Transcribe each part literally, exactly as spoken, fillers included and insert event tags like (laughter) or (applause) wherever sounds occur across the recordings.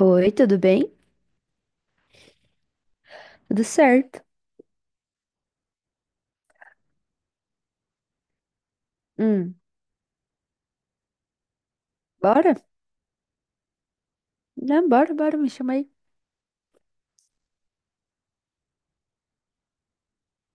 Oi, tudo bem? Tudo certo. Hum, bora? Não, bora, bora, me chama aí.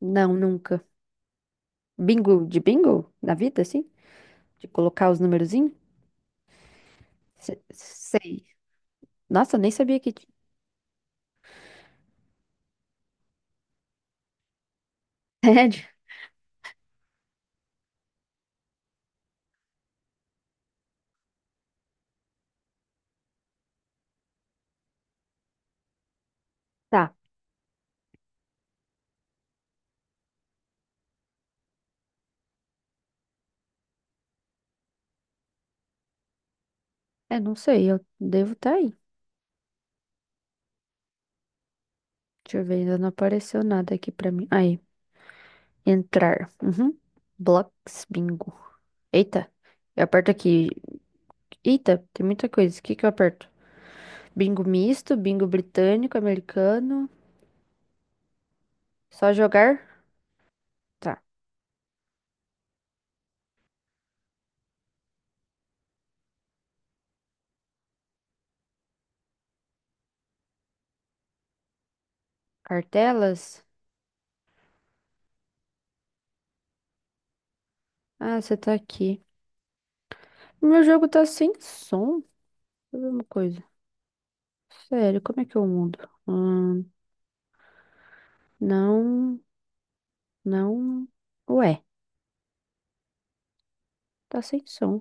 Não, nunca. Bingo, de bingo? Na vida, assim? De colocar os numerozinhos? Se- Sei. Nossa, nem sabia que tinha. Sério? (laughs) Tá. É, não sei, eu devo estar aí. Deixa eu ver, ainda não apareceu nada aqui pra mim. Aí, entrar. Uhum. Blocks, bingo. Eita, eu aperto aqui. Eita, tem muita coisa. O que que eu aperto? Bingo misto, bingo britânico, americano. Só jogar? Tá. Cartelas? Ah, você tá aqui. Meu jogo tá sem som. Deixa eu ver uma coisa. Sério, como é que eu mudo? Hum, não, não. Ué, tá sem som.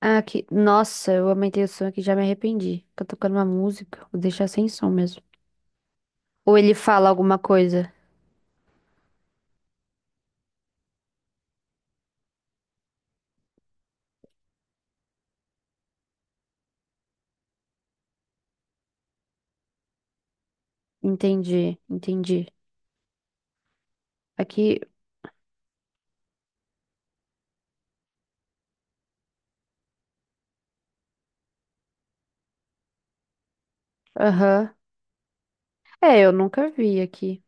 Ah, aqui. Nossa, eu aumentei o som aqui, já me arrependi. Tá tocando uma música, vou deixar sem som mesmo. Ou ele fala alguma coisa. Entendi, entendi. Aqui, aham. É, eu nunca vi aqui.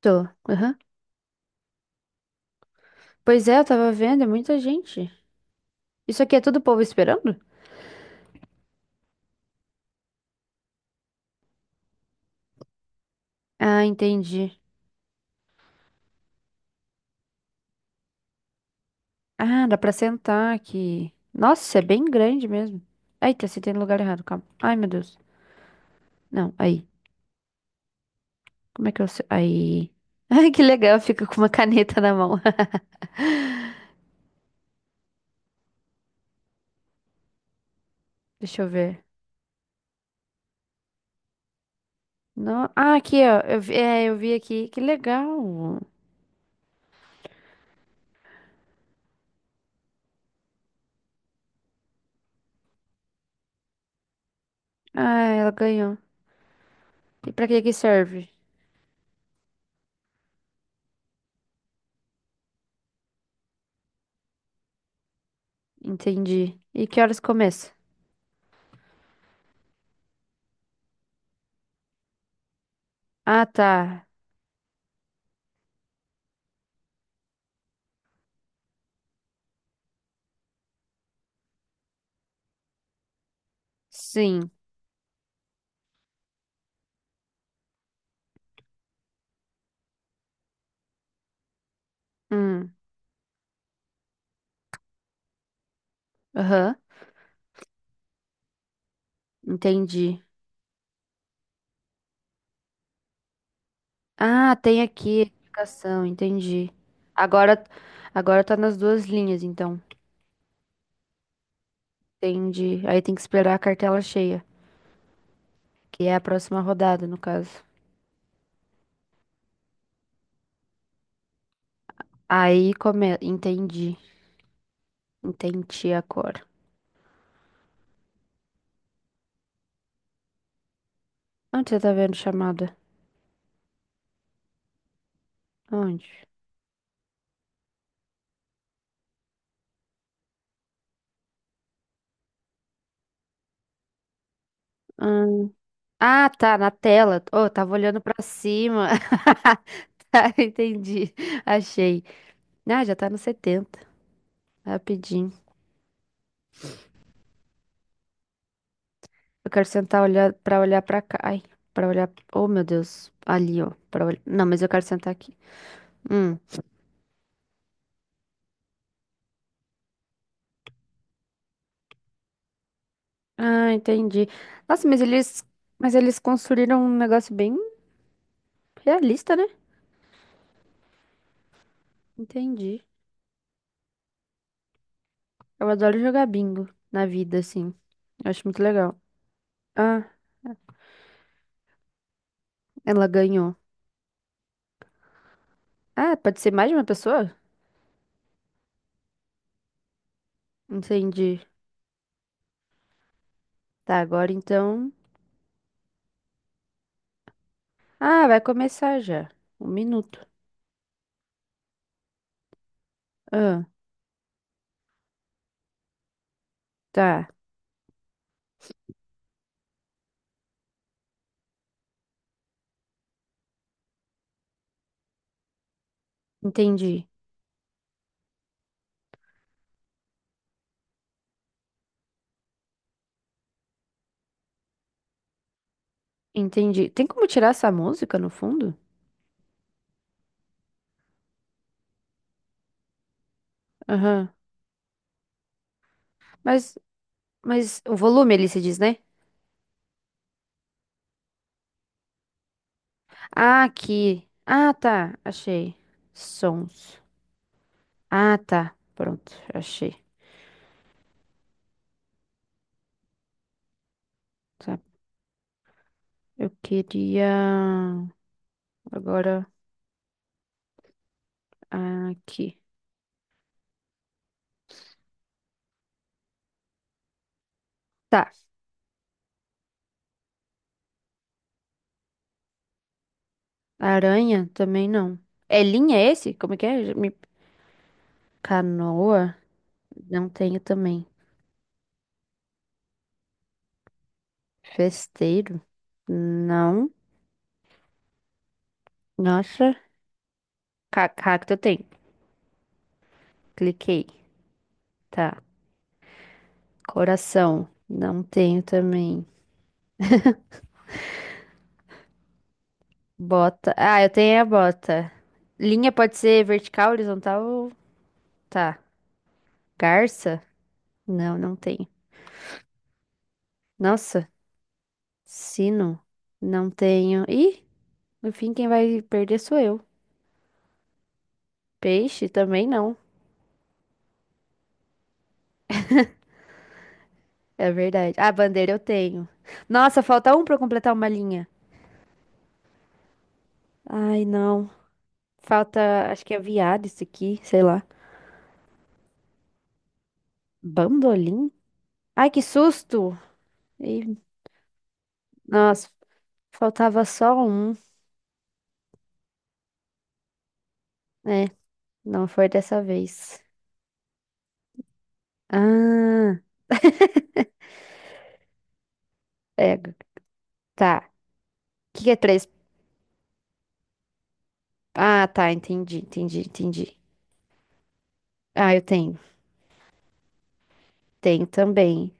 Tô, aham. Pois é, eu tava vendo, é muita gente. Isso aqui é tudo povo esperando? Ah, entendi. Ah, dá pra sentar aqui. Nossa, é bem grande mesmo. Eita, sentei no lugar errado, calma. Ai, meu Deus. Não, aí. Como é que eu. se- Aí. (laughs) Ai, que legal, fica com uma caneta na mão. (laughs) Deixa eu ver. No... Ah, aqui, ó. Eu vi... É, eu vi aqui. Que legal. Ah, ela ganhou. E pra que que serve? Entendi. E que horas começa? Ah, tá. Sim. Hum. Aham. Entendi. Ah, tem aqui a explicação, entendi. Agora, agora tá nas duas linhas, então. Entendi. Aí tem que esperar a cartela cheia, que é a próxima rodada, no caso. Aí come... Entendi. Entendi agora. Onde você tá vendo chamada? Onde? Hum, Ah, tá, na tela. Oh, tava olhando pra cima. (laughs) Tá, entendi. Achei. Ah, já tá no setenta. Rapidinho. Eu quero sentar olhar para olhar para cá. Ai, para olhar. Oh, meu Deus. Ali, ó, para olhar. Não, mas eu quero sentar aqui. Hum. Ah, entendi. Nossa, mas eles mas eles construíram um negócio bem realista, né? Entendi. Eu adoro jogar bingo na vida assim. Eu acho muito legal. Ah, ela ganhou. Ah, pode ser mais de uma pessoa? Entendi. Tá, agora então. Ah, vai começar já. Um minuto. Ah, tá. Entendi. Entendi. Tem como tirar essa música no fundo? Aham. Mas, mas o volume ali se diz, né? Ah, aqui. Ah, tá. Achei. Sons. Ah, tá. Pronto. Achei. Tá. Eu queria. Agora. Aqui. Tá. Aranha também não. É linha esse? Como é que é? Me- Canoa? Não tenho também. Festeiro? Não. Nossa. Ca- Cacto eu tenho. Cliquei. Tá. Coração? Não tenho também. Bota. Ah, eu tenho a bota. Linha pode ser vertical, horizontal. Ou- Tá. Garça? Não, não tenho. Nossa, sino? Não tenho. Ih, no fim quem vai perder sou eu. Peixe também não. É verdade. Ah, bandeira eu tenho. Nossa, falta um pra eu completar uma linha. Ai, não. Falta, acho que é viado isso aqui, sei lá. Bandolim? Ai, que susto! Ih, nossa, faltava só um. É, não foi dessa vez. Ah. É, tá. O que que é três? Ah, tá, entendi, entendi, entendi. Ah, eu tenho. Tenho também.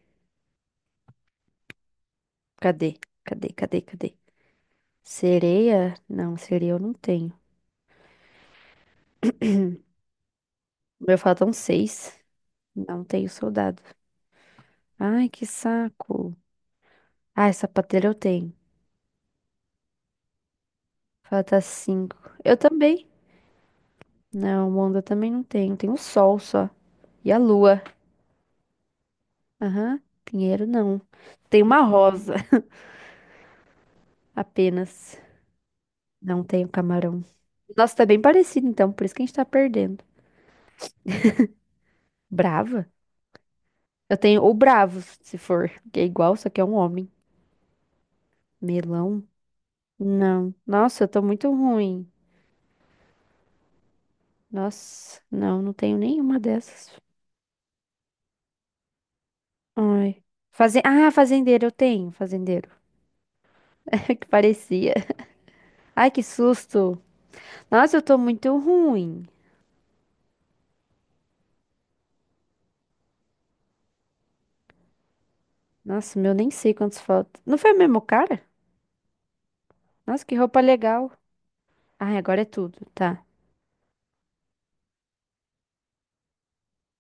Cadê? Cadê, cadê, cadê? Sereia? Não, sereia eu não tenho. O meu faltam seis. Não tenho soldado. Ai, que saco. Ai, sapateiro eu tenho. Falta cinco. Eu também. Não, onda eu também não tenho. Tem o sol só. E a lua. Aham. Pinheiro não. Tem uma rosa (laughs) apenas. Não tenho camarão. Nossa, tá bem parecido então, por isso que a gente tá perdendo. Brava? Eu tenho o bravo, se for, que é igual, só que é um homem. Melão? Não. Nossa, eu tô muito ruim. Nossa, não, não tenho nenhuma dessas. Ai. Faze... Ah, fazendeiro, eu tenho, fazendeiro. (laughs) Que parecia. Ai, que susto. Nossa, eu tô muito ruim. Nossa, meu, nem sei quantos faltam. Não foi o mesmo cara? Nossa, que roupa legal. Ai, agora é tudo, tá.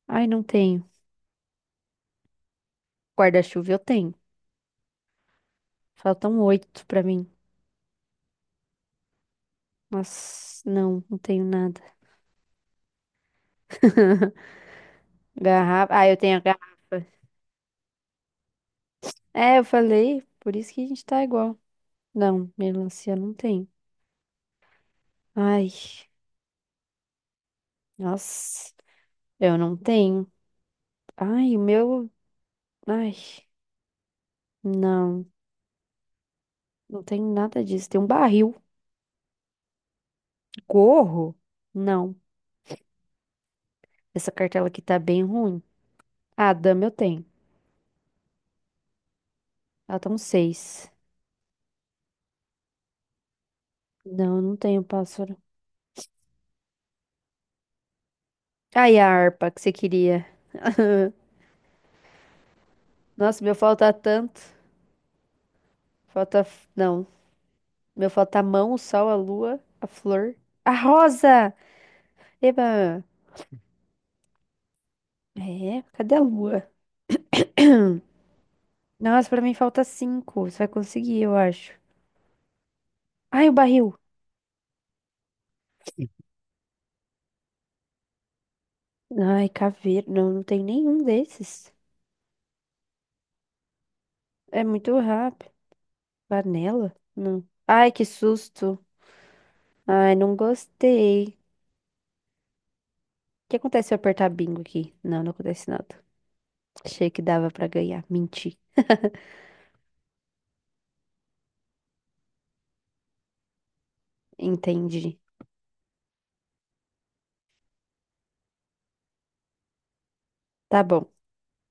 Ai, não tenho. Guarda-chuva eu tenho. Faltam oito pra mim. Nossa, não, não tenho nada. (laughs) Garrafa. Ah, eu tenho a garrafa. É, eu falei, por isso que a gente tá igual. Não, melancia não tem. Ai, nossa, eu não tenho. Ai, o meu. Ai, não, não tenho nada disso. Tem um barril. Um gorro? Não, essa cartela aqui tá bem ruim. Ah, dama eu tenho. Ela tá um seis. Não, eu não tenho pássaro. Ai, a harpa que você queria. (laughs) Nossa, meu falta tanto. Falta. f- Não. Meu falta a mão, o sol, a lua, a flor. A rosa! Eba! É, cadê a lua? (clears throat) Nossa, pra mim falta cinco. Você vai conseguir, eu acho. Ai, o barril. Ai, caveira. Não, não tem nenhum desses. É muito rápido. Panela? Não. Ai, que susto. Ai, não gostei. O que acontece se eu apertar bingo aqui? Não, não acontece nada. Achei que dava pra ganhar. Menti. Entendi. Tá bom.